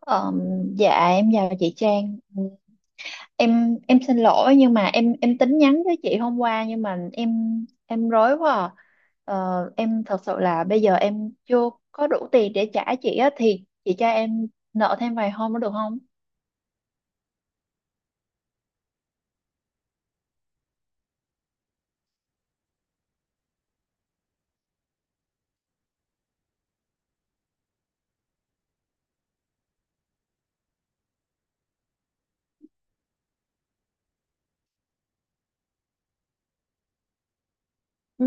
Ờ, dạ em chào chị Trang. Em xin lỗi nhưng mà em tính nhắn với chị hôm qua nhưng mà em rối quá à. Em thật sự là bây giờ em chưa có đủ tiền để trả chị á, thì chị cho em nợ thêm vài hôm nữa được không? Ừ.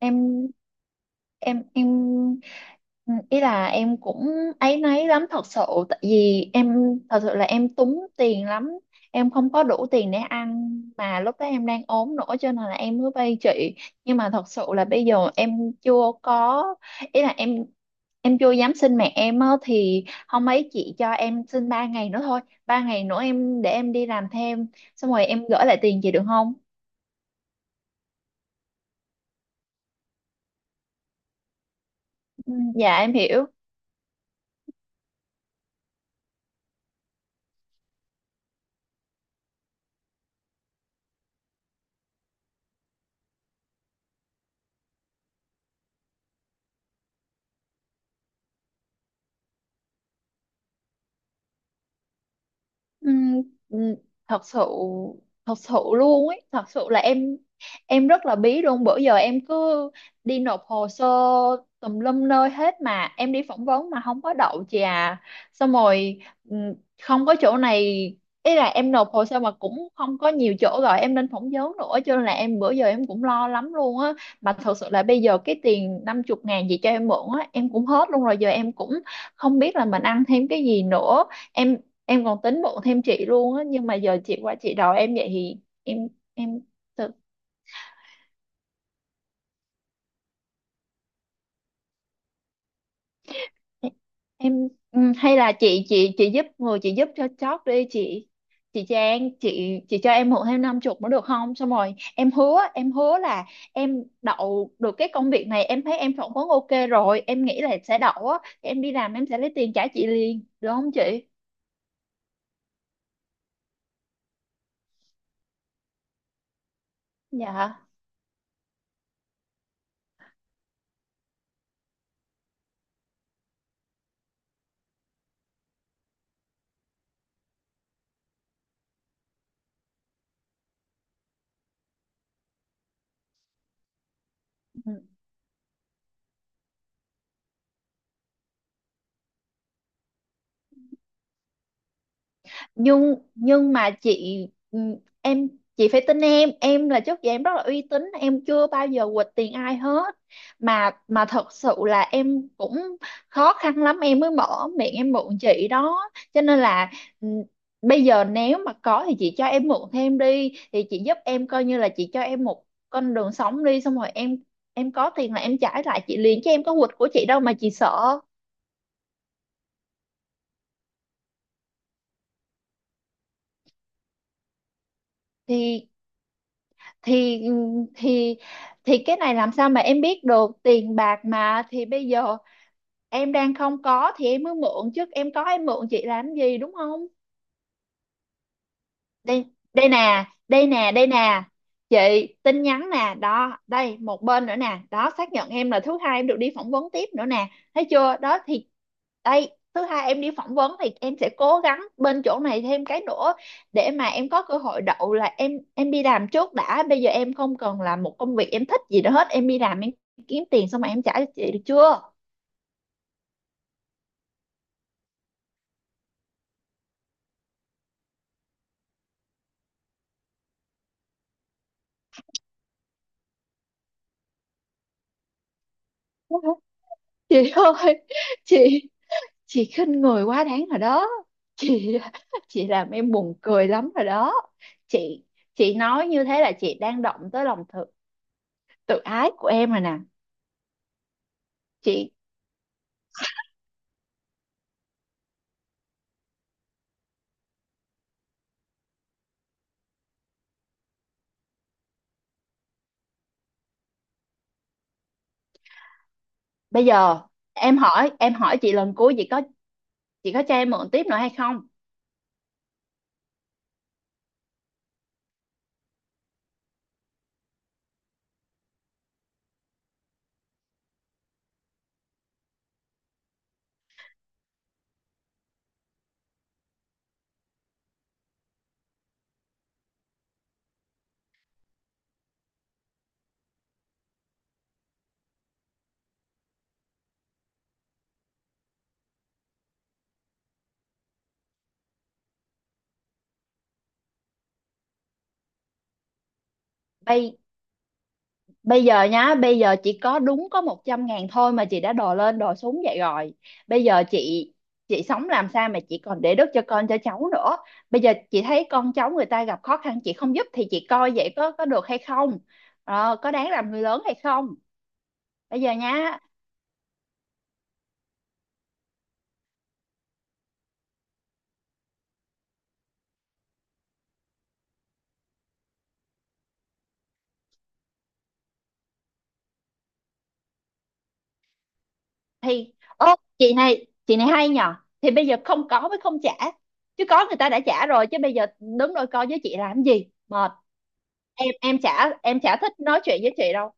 em em ừ, ý là em cũng áy náy lắm thật sự. Tại vì em thật sự là em túng tiền lắm, em không có đủ tiền để ăn mà lúc đó em đang ốm nữa, cho nên là em mới vay chị. Nhưng mà thật sự là bây giờ em chưa có, ý là em chưa dám xin mẹ em á, thì hôm ấy chị cho em xin 3 ngày nữa thôi. 3 ngày nữa em để em đi làm thêm xong rồi em gửi lại tiền chị được không? Ừ, dạ em hiểu. Ừm, ừm, thật sự thật sự luôn ấy, thật sự là em rất là bí luôn. Bữa giờ em cứ đi nộp hồ sơ tùm lum nơi hết mà em đi phỏng vấn mà không có đậu chị à. Xong rồi, ừm, không có chỗ này, ý là em nộp hồ sơ mà cũng không có nhiều chỗ rồi em nên phỏng vấn nữa, cho nên là em bữa giờ em cũng lo lắm luôn á. Mà thật sự là bây giờ cái tiền 50.000 gì cho em mượn á em cũng hết luôn rồi. Giờ em cũng không biết là mình ăn thêm cái gì nữa. Em em còn tính bụng thêm chị luôn á, nhưng mà giờ chị qua chị đòi em vậy thì em, em tự em, hay là chị giúp người, chị giúp cho chót đi chị. Chị Trang, chị cho em mượn thêm 50 nữa được không? Xong rồi em hứa là em đậu được cái công việc này, em thấy em phỏng vấn ok rồi, em nghĩ là sẽ đậu á, em đi làm em sẽ lấy tiền trả chị liền được không chị? Dạ. Ừ. Nhưng mà chị, ừ, em chị phải tin em. Em là trước giờ em rất là uy tín, em chưa bao giờ quỵt tiền ai hết, mà thật sự là em cũng khó khăn lắm em mới mở miệng em mượn chị đó. Cho nên là, ừ, bây giờ nếu mà có thì chị cho em mượn thêm đi, thì chị giúp em coi như là chị cho em một con đường sống đi. Xong rồi em có tiền là em trả lại chị liền, chứ em có quỵt của chị đâu mà chị sợ. Thì thì thì thì cái này làm sao mà em biết được, tiền bạc mà. Thì bây giờ em đang không có thì em mới mượn, chứ em có em mượn chị làm gì, đúng không? Đây, đây nè, đây nè, đây nè chị, tin nhắn nè đó, đây một bên nữa nè đó, xác nhận em là thứ hai em được đi phỏng vấn tiếp nữa nè. Thấy chưa đó? Thì đây, thứ hai em đi phỏng vấn thì em sẽ cố gắng bên chỗ này thêm cái nữa để mà em có cơ hội đậu là em đi làm trước đã. Bây giờ em không cần làm một công việc em thích gì nữa hết, em đi làm em kiếm tiền xong rồi em trả cho chị được chưa? Chị ơi, chị chị khinh người quá đáng rồi đó chị. Chị làm em buồn cười lắm rồi đó chị chị nói như thế là chị đang động tới lòng tự tự ái của em rồi nè chị. Bây giờ em hỏi chị lần cuối, chị có cho em mượn tiếp nữa hay không? Bây Bây giờ nhá, bây giờ chỉ có đúng có 100.000 thôi mà chị đã đòi lên đòi xuống vậy rồi. Bây giờ chị sống làm sao mà chị còn để đất cho con cho cháu nữa. Bây giờ chị thấy con cháu người ta gặp khó khăn chị không giúp thì chị coi vậy có được hay không? Có đáng làm người lớn hay không? Bây giờ nhá, thì ơ chị này hay nhờ. Thì bây giờ không có mới không trả. Chứ có người ta đã trả rồi, chứ bây giờ đứng đôi co với chị làm gì? Mệt. Em chả em chả thích nói chuyện với chị đâu.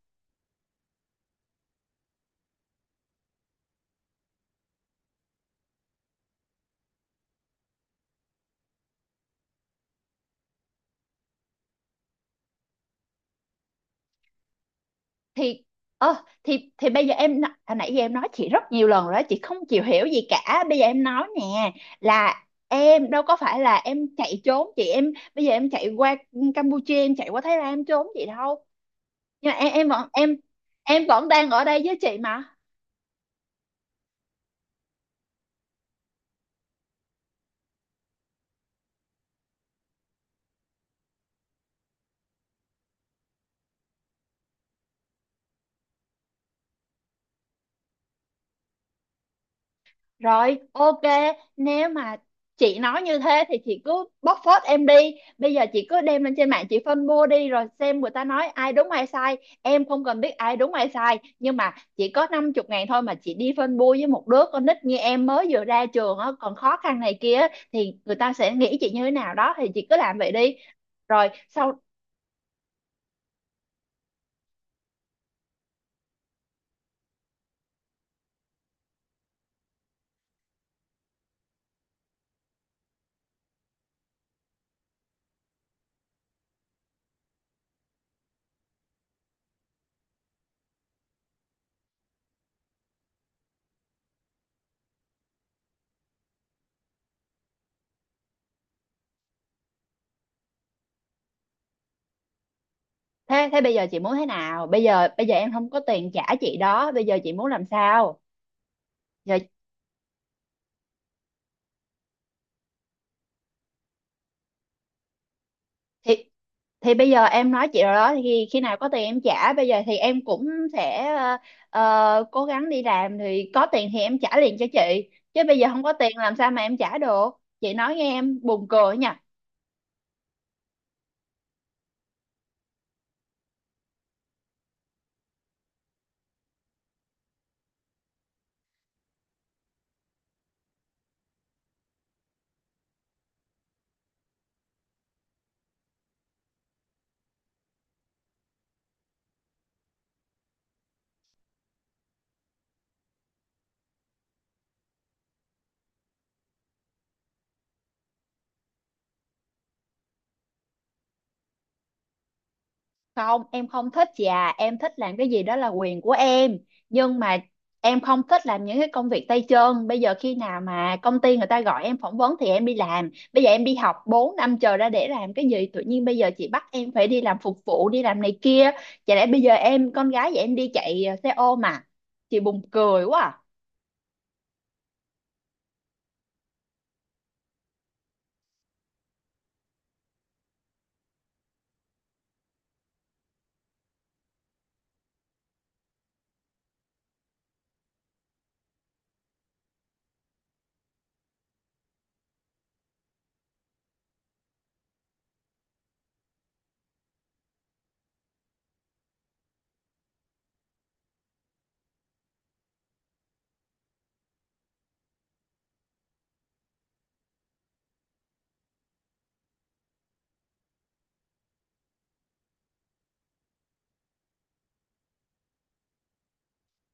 Thì ờ thì bây giờ em, hồi nãy giờ em nói chị rất nhiều lần rồi đó, chị không chịu hiểu gì cả. Bây giờ em nói nè, là em đâu có phải là em chạy trốn chị. Em bây giờ em chạy qua Campuchia, em chạy qua Thái Lan em trốn chị đâu. Nhưng mà em vẫn đang ở đây với chị mà. Rồi, ok, nếu mà chị nói như thế thì chị cứ bóc phốt em đi. Bây giờ chị cứ đem lên trên mạng chị phân bua đi rồi xem người ta nói ai đúng ai sai. Em không cần biết ai đúng ai sai, nhưng mà chỉ có 50 ngàn thôi mà chị đi phân bua với một đứa con nít như em mới vừa ra trường á, còn khó khăn này kia á, thì người ta sẽ nghĩ chị như thế nào đó thì chị cứ làm vậy đi. Rồi, sau thế thế bây giờ chị muốn thế nào? Bây giờ em không có tiền trả chị đó, bây giờ chị muốn làm sao? Giờ thì thì bây giờ em nói chị rồi đó, thì khi nào có tiền em trả. Bây giờ thì em cũng sẽ cố gắng đi làm, thì có tiền thì em trả liền cho chị, chứ bây giờ không có tiền làm sao mà em trả được. Chị nói nghe em buồn cười nhỉ. Không, em không thích chị à, em thích làm cái gì đó là quyền của em. Nhưng mà em không thích làm những cái công việc tay chân. Bây giờ khi nào mà công ty người ta gọi em phỏng vấn thì em đi làm, bây giờ em đi học 4 năm chờ ra để làm cái gì, tự nhiên bây giờ chị bắt em phải đi làm phục vụ đi làm này kia. Chả lẽ bây giờ em con gái vậy em đi chạy xe ôm mà. Chị buồn cười quá à.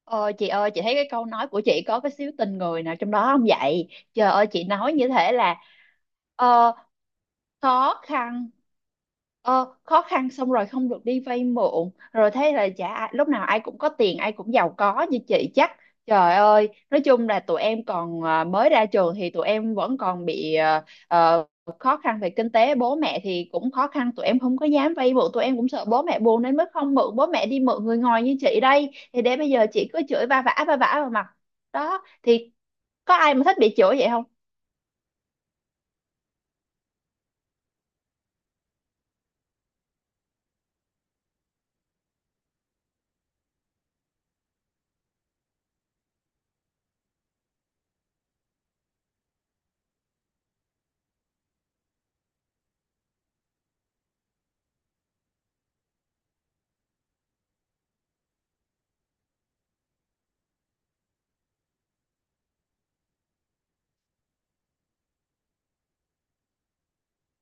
Ờ chị ơi, chị thấy cái câu nói của chị có cái xíu tình người nào trong đó không vậy? Trời ơi chị nói như thế là, ờ, khó khăn, khó khăn xong rồi không được đi vay mượn, rồi thế là chả ai, lúc nào ai cũng có tiền, ai cũng giàu có như chị chắc. Trời ơi, nói chung là tụi em còn mới ra trường, thì tụi em vẫn còn bị khó khăn về kinh tế. Bố mẹ thì cũng khó khăn, tụi em không có dám vay mượn, tụi em cũng sợ bố mẹ buồn nên mới không mượn bố mẹ, đi mượn người ngoài như chị đây, thì để bây giờ chị cứ chửi va vã vào mặt đó thì có ai mà thích bị chửi vậy không?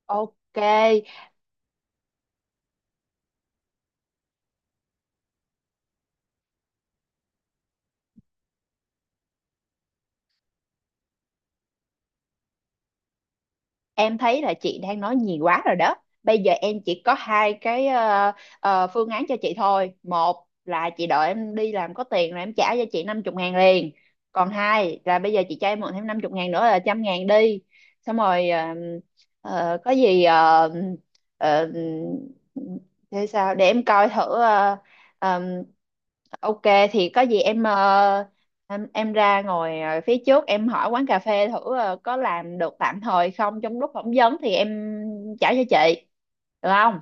Ok, em thấy là chị đang nói nhiều quá rồi đó. Bây giờ em chỉ có hai cái phương án cho chị thôi. Một là chị đợi em đi làm có tiền rồi em trả cho chị 50 ngàn liền. Còn hai là bây giờ chị cho em mượn thêm 50 ngàn nữa là 100.000 đi, xong rồi có gì, ờ, thế sao để em coi thử. Ờ, ờ, ok, thì có gì em, em ra ngồi phía trước, em hỏi quán cà phê thử có làm được tạm thời không, trong lúc phỏng vấn thì em trả cho chị được không?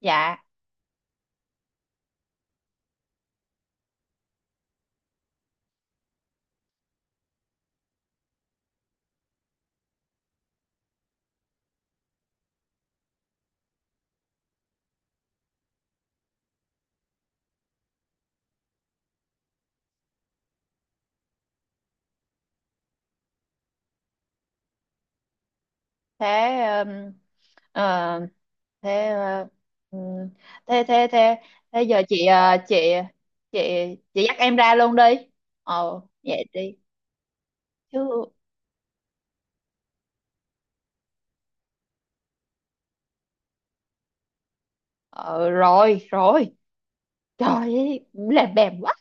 Dạ. Thế, ừm, ờ, thế ờ, ừm, thế thế giờ chị, chị, chị chị dắt em ra luôn đi. Vậy đi chứ. Ờ Rồi rồi. Trời ơi, làm bèm quá.